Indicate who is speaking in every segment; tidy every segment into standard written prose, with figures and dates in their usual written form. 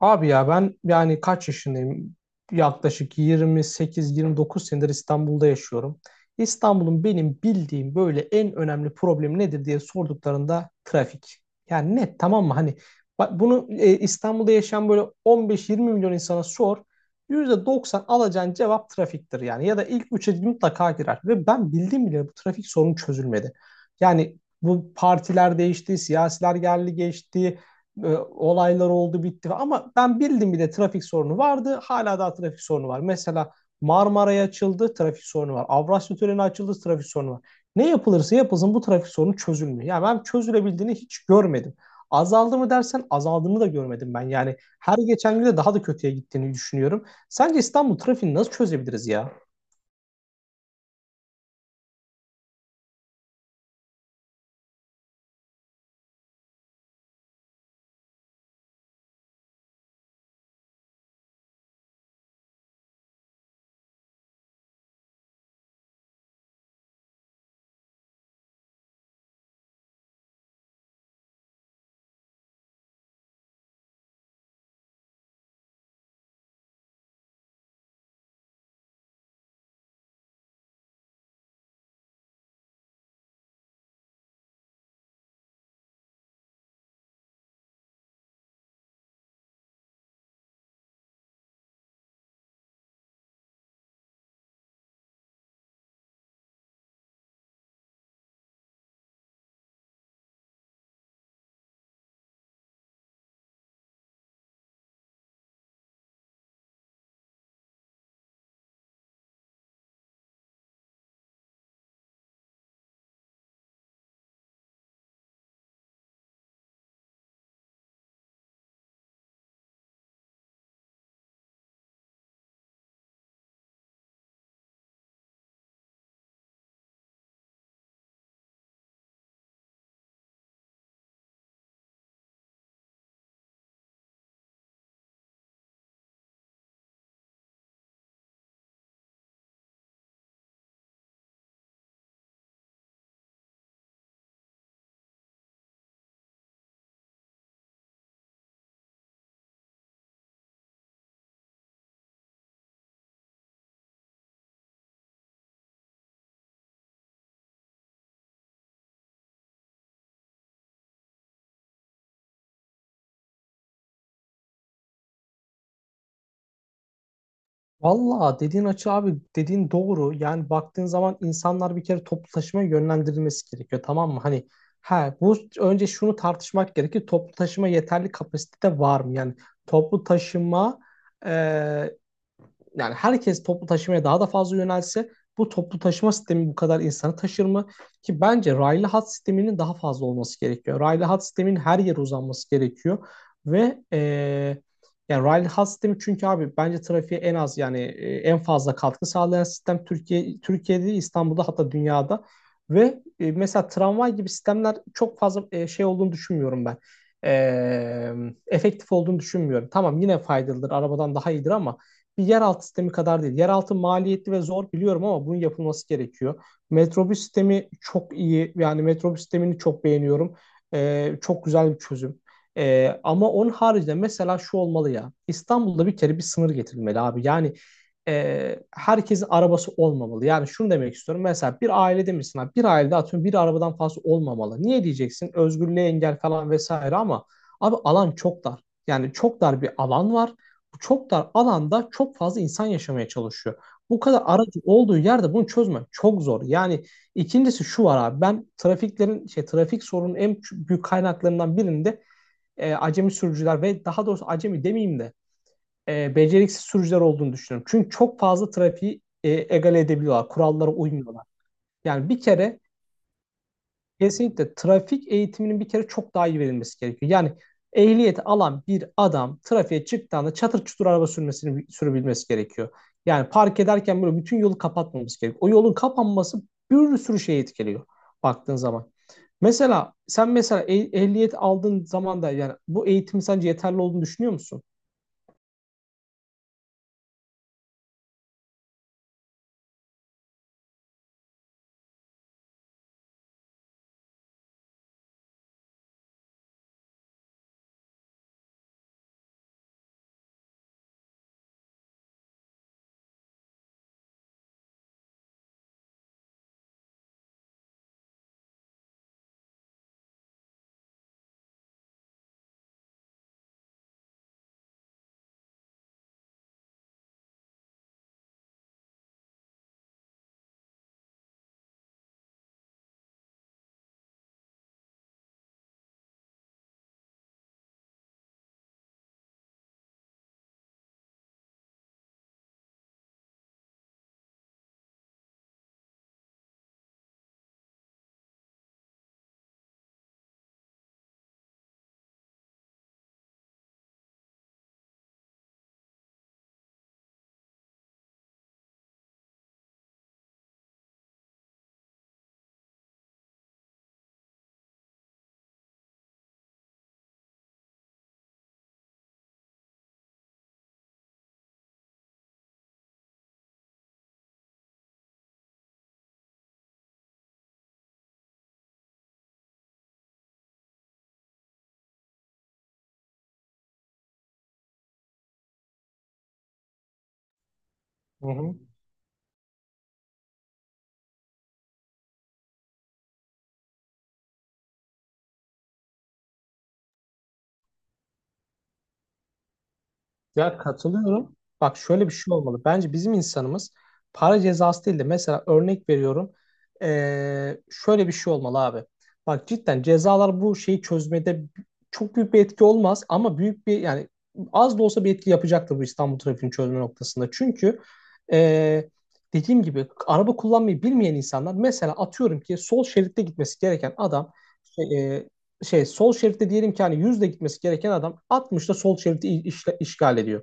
Speaker 1: Abi ya ben yani kaç yaşındayım? Yaklaşık 28-29 senedir İstanbul'da yaşıyorum. İstanbul'un benim bildiğim böyle en önemli problemi nedir diye sorduklarında trafik. Yani net tamam mı? Hani bak bunu İstanbul'da yaşayan böyle 15-20 milyon insana sor. %90 alacağın cevap trafiktir yani. Ya da ilk üçe mutlaka girer. Ve ben bildiğim bile bu trafik sorunu çözülmedi. Yani bu partiler değişti, siyasiler geldi geçti, olaylar oldu bitti ama ben bildim bile trafik sorunu vardı. Hala daha trafik sorunu var. Mesela Marmara'ya açıldı trafik sorunu var. Avrasya Tüneli açıldı trafik sorunu var. Ne yapılırsa yapılsın bu trafik sorunu çözülmüyor. Yani ben çözülebildiğini hiç görmedim. Azaldı mı dersen azaldığını da görmedim ben. Yani her geçen gün de daha da kötüye gittiğini düşünüyorum. Sence İstanbul trafiğini nasıl çözebiliriz ya? Valla dediğin açı abi dediğin doğru. Yani baktığın zaman insanlar bir kere toplu taşımaya yönlendirilmesi gerekiyor, tamam mı? Hani ha bu önce şunu tartışmak gerekir. Toplu taşıma yeterli kapasitede var mı? Yani toplu taşıma, e, yani herkes toplu taşımaya daha da fazla yönelse bu toplu taşıma sistemi bu kadar insanı taşır mı? Ki bence raylı hat sisteminin daha fazla olması gerekiyor. Raylı hat sisteminin her yere uzanması gerekiyor ve yani raylı hat sistemi çünkü abi bence trafiğe en az yani en fazla katkı sağlayan sistem Türkiye'de İstanbul'da hatta dünyada ve mesela tramvay gibi sistemler çok fazla şey olduğunu düşünmüyorum ben. Eee, efektif olduğunu düşünmüyorum. Tamam, yine faydalıdır, arabadan daha iyidir ama bir yeraltı sistemi kadar değil. Yeraltı maliyetli ve zor biliyorum ama bunun yapılması gerekiyor. Metrobüs sistemi çok iyi. Yani metrobüs sistemini çok beğeniyorum. Çok güzel bir çözüm. Ama onun haricinde mesela şu olmalı ya. İstanbul'da bir kere bir sınır getirilmeli abi. Yani herkesin arabası olmamalı. Yani şunu demek istiyorum. Mesela bir ailede misin, abi? Bir ailede atıyorum bir arabadan fazla olmamalı. Niye diyeceksin? Özgürlüğe engel falan vesaire ama abi alan çok dar. Yani çok dar bir alan var, çok dar alanda çok fazla insan yaşamaya çalışıyor. Bu kadar aracı olduğu yerde bunu çözmek çok zor. Yani ikincisi şu var abi, ben trafiklerin şey trafik sorunun en büyük kaynaklarından birinde acemi sürücüler ve daha doğrusu acemi demeyeyim de beceriksiz sürücüler olduğunu düşünüyorum. Çünkü çok fazla trafiği egale edebiliyorlar. Kurallara uymuyorlar. Yani bir kere kesinlikle trafik eğitiminin bir kere çok daha iyi verilmesi gerekiyor. Yani ehliyeti alan bir adam trafiğe çıktığında çatır çutur araba sürmesini sürebilmesi gerekiyor. Yani park ederken böyle bütün yolu kapatmamız gerekiyor. O yolun kapanması bir sürü şeyi etkiliyor baktığın zaman. Mesela sen mesela ehliyet aldığın zaman da yani bu eğitim sence yeterli olduğunu düşünüyor musun? Hı hı. Ya katılıyorum. Bak şöyle bir şey olmalı. Bence bizim insanımız para cezası değil de mesela örnek veriyorum. Şöyle bir şey olmalı abi. Bak cidden cezalar bu şeyi çözmede çok büyük bir etki olmaz ama büyük bir yani az da olsa bir etki yapacaktır bu İstanbul trafiğini çözme noktasında. Çünkü ee, dediğim gibi araba kullanmayı bilmeyen insanlar mesela atıyorum ki sol şeritte gitmesi gereken adam şey, e, sol şeritte diyelim ki hani 100'de gitmesi gereken adam 60'da sol şeriti işgal ediyor.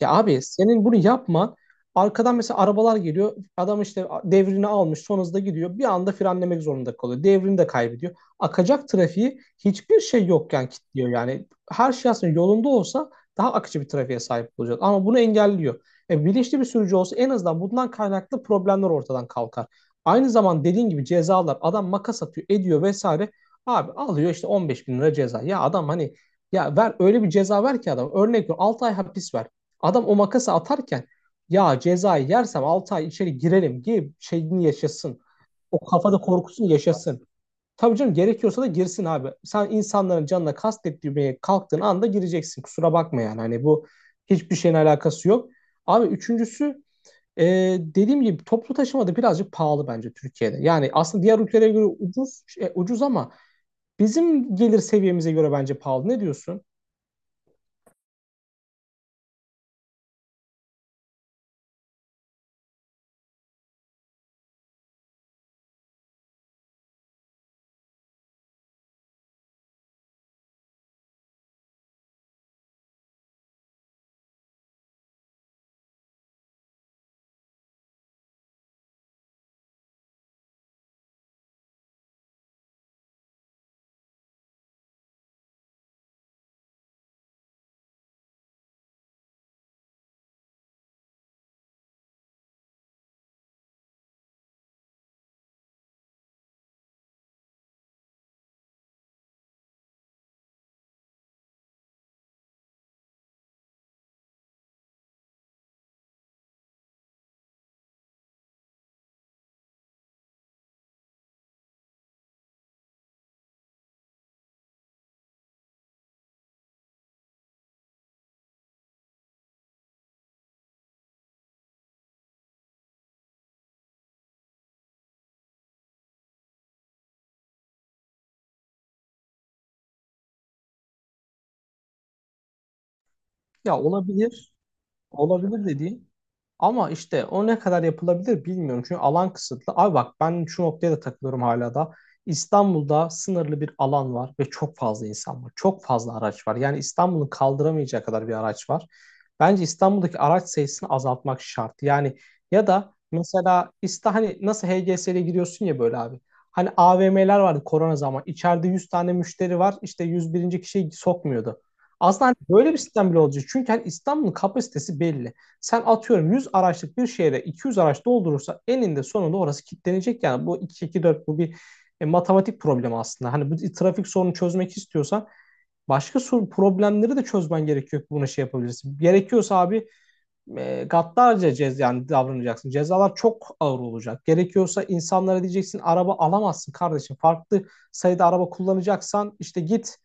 Speaker 1: Ya abi senin bunu yapman, arkadan mesela arabalar geliyor. Adam işte devrini almış son hızda gidiyor. Bir anda frenlemek zorunda kalıyor. Devrini de kaybediyor. Akacak trafiği hiçbir şey yokken kilitliyor. Yani her şey aslında yolunda olsa daha akıcı bir trafiğe sahip olacağız. Ama bunu engelliyor. Bilinçli bir sürücü olsa en azından bundan kaynaklı problemler ortadan kalkar. Aynı zaman dediğin gibi cezalar, adam makas atıyor ediyor vesaire. Abi alıyor işte 15 bin lira ceza. Ya adam hani ya ver öyle bir ceza ver ki adam. Örnek veriyorum 6 ay hapis ver. Adam o makası atarken ya cezayı yersem 6 ay içeri girerim gibi şeyini yaşasın. O kafada korkusunu yaşasın. Tabii canım, gerekiyorsa da girsin abi. Sen insanların canına kastetmeye kalktığın anda gireceksin. Kusura bakma yani. Hani bu hiçbir şeyin alakası yok. Abi üçüncüsü, e, dediğim gibi toplu taşıma da birazcık pahalı bence Türkiye'de. Yani aslında diğer ülkelere göre ucuz, şey, ucuz ama bizim gelir seviyemize göre bence pahalı. Ne diyorsun? Ya olabilir. Olabilir dediğin. Ama işte o ne kadar yapılabilir bilmiyorum. Çünkü alan kısıtlı. Abi bak ben şu noktaya da takılıyorum hala da. İstanbul'da sınırlı bir alan var ve çok fazla insan var. Çok fazla araç var. Yani İstanbul'un kaldıramayacağı kadar bir araç var. Bence İstanbul'daki araç sayısını azaltmak şart. Yani ya da mesela hani nasıl HGS'ye giriyorsun ya böyle abi. Hani AVM'ler vardı korona zaman. İçeride 100 tane müşteri var. İşte 101. kişiyi sokmuyordu. Aslında hani böyle bir sistem bile olacak. Çünkü hani İstanbul'un kapasitesi belli. Sen atıyorum 100 araçlık bir şehre 200 araç doldurursa eninde sonunda orası kilitlenecek. Yani bu 2-2-4, bu bir matematik problemi aslında. Hani bu trafik sorunu çözmek istiyorsan başka sorun, problemleri de çözmen gerekiyor ki buna şey yapabilirsin. Gerekiyorsa abi gaddarca yani davranacaksın. Cezalar çok ağır olacak. Gerekiyorsa insanlara diyeceksin araba alamazsın kardeşim. Farklı sayıda araba kullanacaksan işte git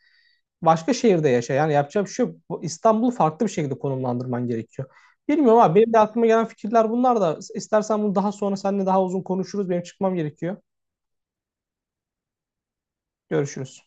Speaker 1: başka şehirde yaşa. Yani yapacağım bir şey, bu İstanbul'u farklı bir şekilde konumlandırman gerekiyor. Bilmiyorum abi, benim de aklıma gelen fikirler bunlar da. İstersen bunu daha sonra seninle daha uzun konuşuruz. Benim çıkmam gerekiyor. Görüşürüz.